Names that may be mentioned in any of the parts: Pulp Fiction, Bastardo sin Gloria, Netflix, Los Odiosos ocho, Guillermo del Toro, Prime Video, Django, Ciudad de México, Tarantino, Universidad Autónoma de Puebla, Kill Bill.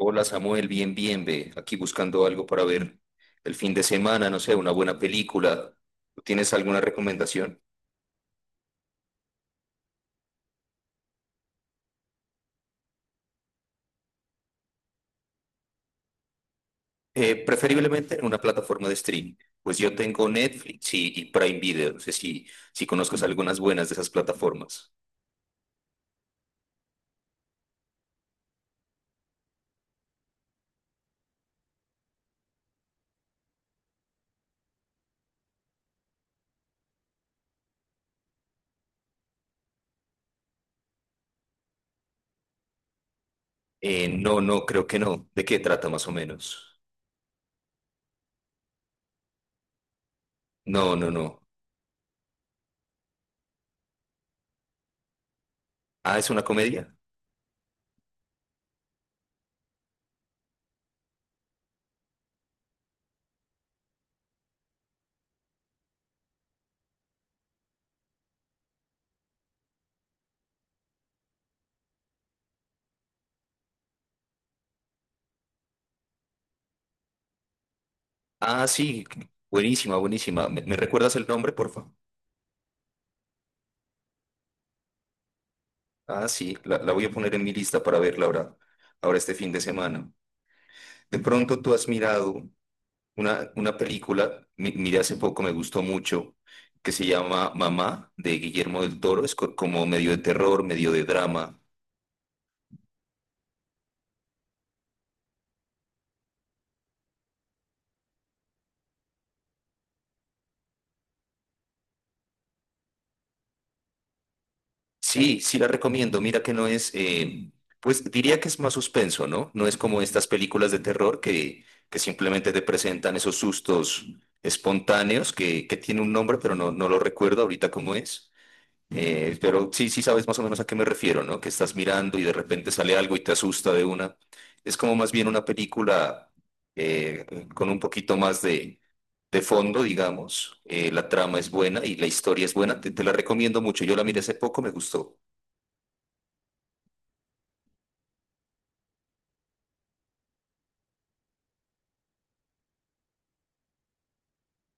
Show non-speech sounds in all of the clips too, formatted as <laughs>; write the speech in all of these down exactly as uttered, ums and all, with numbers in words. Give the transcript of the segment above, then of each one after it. Hola Samuel, bien, bien, ve. Aquí buscando algo para ver el fin de semana, no sé, una buena película. ¿Tú ¿Tienes alguna recomendación? Eh, preferiblemente en una plataforma de streaming. Pues yo tengo Netflix y, y Prime Video. No sé si, Si conozcas algunas buenas de esas plataformas. Eh, no, no, creo que no. ¿De qué trata más o menos? No, no, no. Ah, ¿es una comedia? Ah, sí, buenísima, buenísima. ¿Me, Me recuerdas el nombre, por favor? Ah, sí, la, la voy a poner en mi lista para verla ahora, ahora este fin de semana. De pronto tú has mirado una, una película, mi- miré hace poco, me gustó mucho, que se llama Mamá, de Guillermo del Toro. Es co- como medio de terror, medio de drama. Sí, sí la recomiendo. Mira que no es, eh, Pues diría que es más suspenso, ¿no? No es como estas películas de terror que, que simplemente te presentan esos sustos espontáneos que, que tiene un nombre, pero no, no lo recuerdo ahorita cómo es. Eh, pero sí, sí sabes más o menos a qué me refiero, ¿no? Que estás mirando y de repente sale algo y te asusta de una. Es como más bien una película eh, con un poquito más de, de fondo, digamos. Eh, la trama es buena y la historia es buena. Te, te la recomiendo mucho. Yo la miré hace poco, me gustó.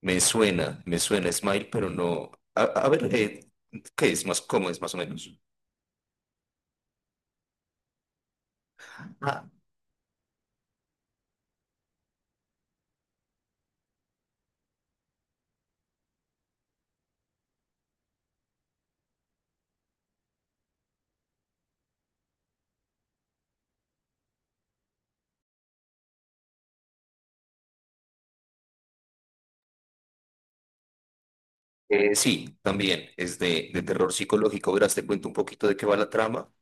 Me suena, me suena Smile, pero no. A, a ver, eh, ¿qué es más? ¿Cómo es más o menos? Ah, Eh, sí, también es de, de terror psicológico. Verás, te cuento un poquito de qué va la trama.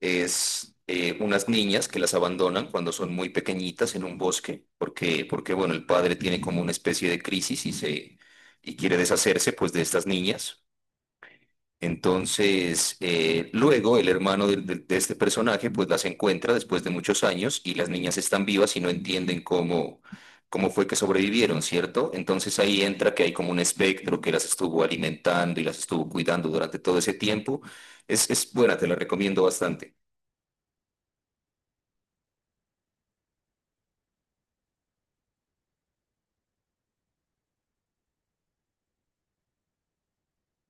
Es eh, unas niñas que las abandonan cuando son muy pequeñitas en un bosque, porque, porque bueno, el padre tiene como una especie de crisis y se y quiere deshacerse pues de estas niñas. Entonces, eh, luego el hermano del- del- de, este personaje pues las encuentra después de muchos años y las niñas están vivas y no entienden cómo, cómo fue que sobrevivieron, ¿cierto? Entonces ahí entra que hay como un espectro que las estuvo alimentando y las estuvo cuidando durante todo ese tiempo. Es, es buena, te la recomiendo bastante.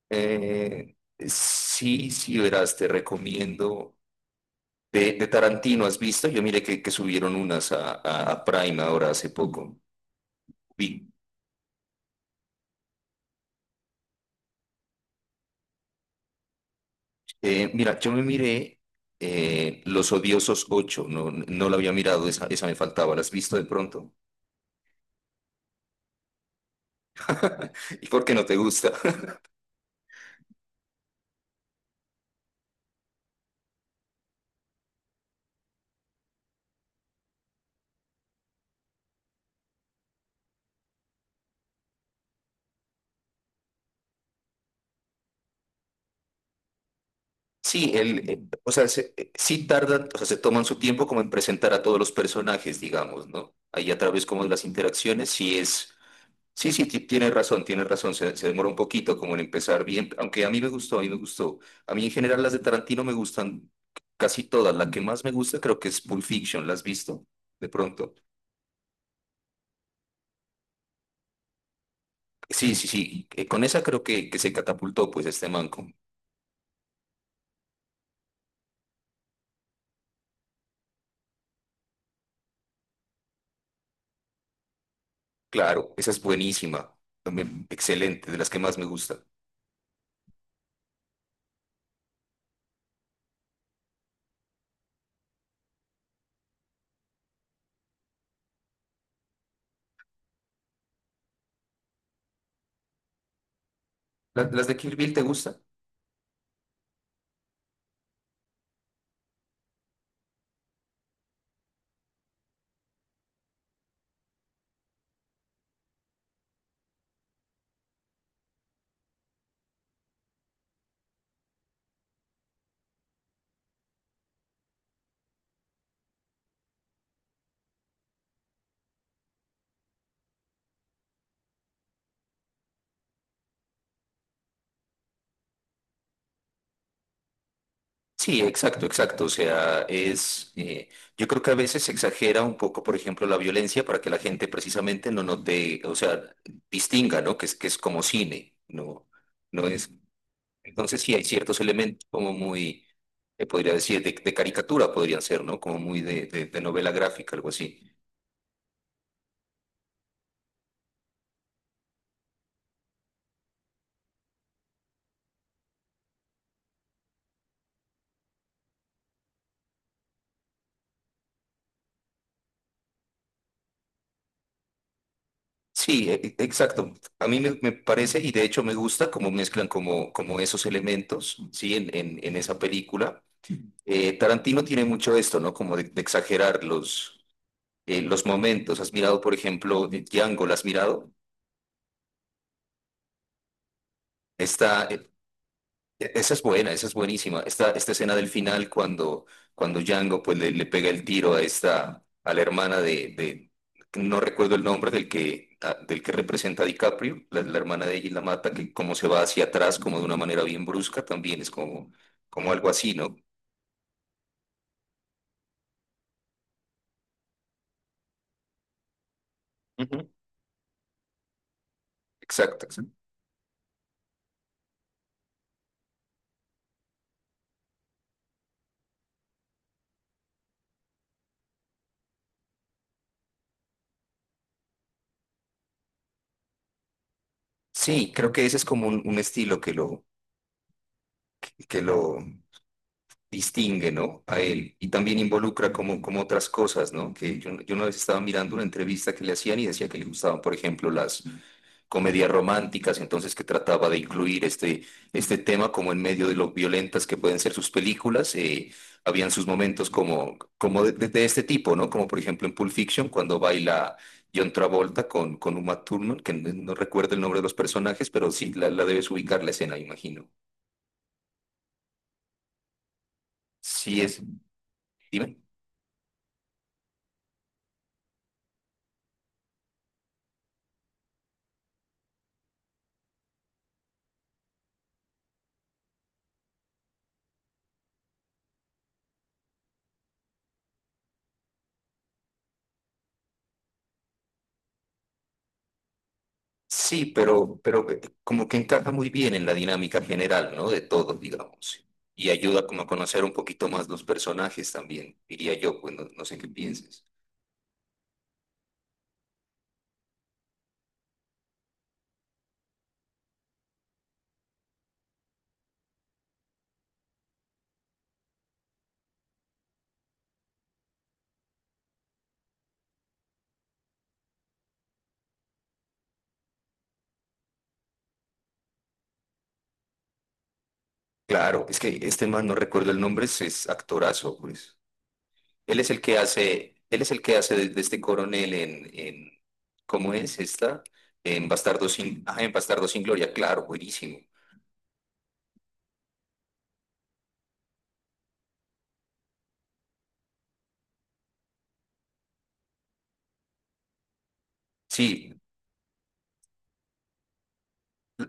Eh, sí, sí, verás, te recomiendo. De, de Tarantino, ¿has visto? Yo miré que, que subieron unas a, a- a Prime ahora hace poco. Vi- eh, Mira, yo me miré eh, Los Odiosos ocho. No, no la había mirado, esa, esa me faltaba. ¿La has visto de pronto? <laughs> ¿Y por qué no te gusta? <laughs> Sí, el, eh, o sea, se- eh, sí tardan, o sea, se toman su tiempo como en presentar a todos los personajes, digamos, ¿no? Ahí a través como de las interacciones, sí es. Sí, sí, ti- tienes razón, tienes razón, se, se demora un poquito como en empezar bien, aunque a mí me gustó, a mí me gustó. A mí en general las de Tarantino me gustan casi todas, la que más me gusta creo que es Pulp Fiction, ¿la has visto? De pronto. Sí, sí, sí, eh, con esa creo que, que se catapultó pues este manco. Claro, esa es buenísima, también excelente, de las que más me gusta. ¿La- ¿Las de Kill Bill te gustan? Sí, exacto, exacto. O sea, es, eh, yo creo que a veces se exagera un poco, por ejemplo, la violencia para que la gente precisamente no note, o sea, distinga, ¿no? Que es, que es como cine, ¿no? No es. Entonces sí hay ciertos elementos como muy, eh, podría decir, de, de caricatura podrían ser, ¿no? Como muy de, de- de novela gráfica, algo así. Sí, e- e- exacto. A mí me, me parece y de hecho me gusta cómo mezclan como, como esos elementos, ¿sí? En, en, en esa película. Eh, Tarantino tiene mucho esto, ¿no? Como de, de exagerar los, eh, los momentos. ¿Has mirado, por ejemplo, Django? ¿La has mirado? Esta, eh, e, esa es buena, esa es buenísima. Esta, esta escena del final cuando, cuando Django pues, le, le pega el tiro a esta, a la hermana de, de- No recuerdo el nombre del que, a- del que representa a DiCaprio, la, la hermana de ella y la mata, que como se va hacia atrás, como de una manera bien brusca, también es como, como algo así, ¿no? Ujú. Exacto, exacto. Sí, creo que ese es como un, un estilo que lo que lo distingue, ¿no? A él. Y también involucra como, como otras cosas, ¿no? Que yo, yo una vez estaba mirando una entrevista que le hacían y decía que le gustaban, por ejemplo, las comedias románticas, entonces que trataba de incluir este, este tema como en medio de lo violentas que pueden ser sus películas. Eh, habían sus momentos como, como de, de- de este tipo, ¿no? Como por ejemplo en Pulp Fiction, cuando baila John Travolta con, con Uma Thurman, que no no recuerdo el nombre de los personajes, pero sí la, la debes ubicar la escena, imagino. Sí es, dime. Sí, pero, pero que- como que encaja muy bien en la dinámica general, ¿no? De todos, digamos. Y ayuda como a conocer un poquito más los personajes también, diría yo, pues no, no sé qué pienses. Claro, es que este man, no recuerdo el nombre, es, es actorazo, pues. Él es el que hace, él es el que hace de, de este coronel en, en, ¿cómo es esta? En Bastardo sin, ah, en Bastardo sin Gloria, claro, buenísimo. Sí,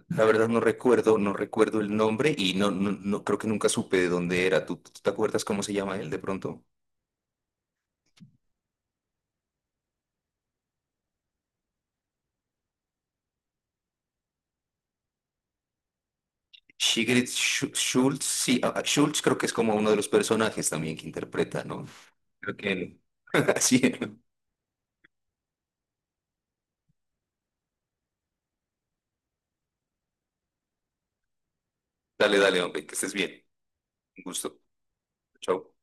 la verdad no recuerdo, no recuerdo el nombre y no, no, no- creo que nunca supe de dónde era. ¿Tú, Tú te acuerdas cómo se llama él de pronto? Sigrid Schu- Schultz, sí, ah, ah, Schultz creo que es como uno de los personajes también que interpreta, ¿no? Creo que él. <laughs> Así. Dale, dale, hombre, que estés bien. Un gusto. Chao.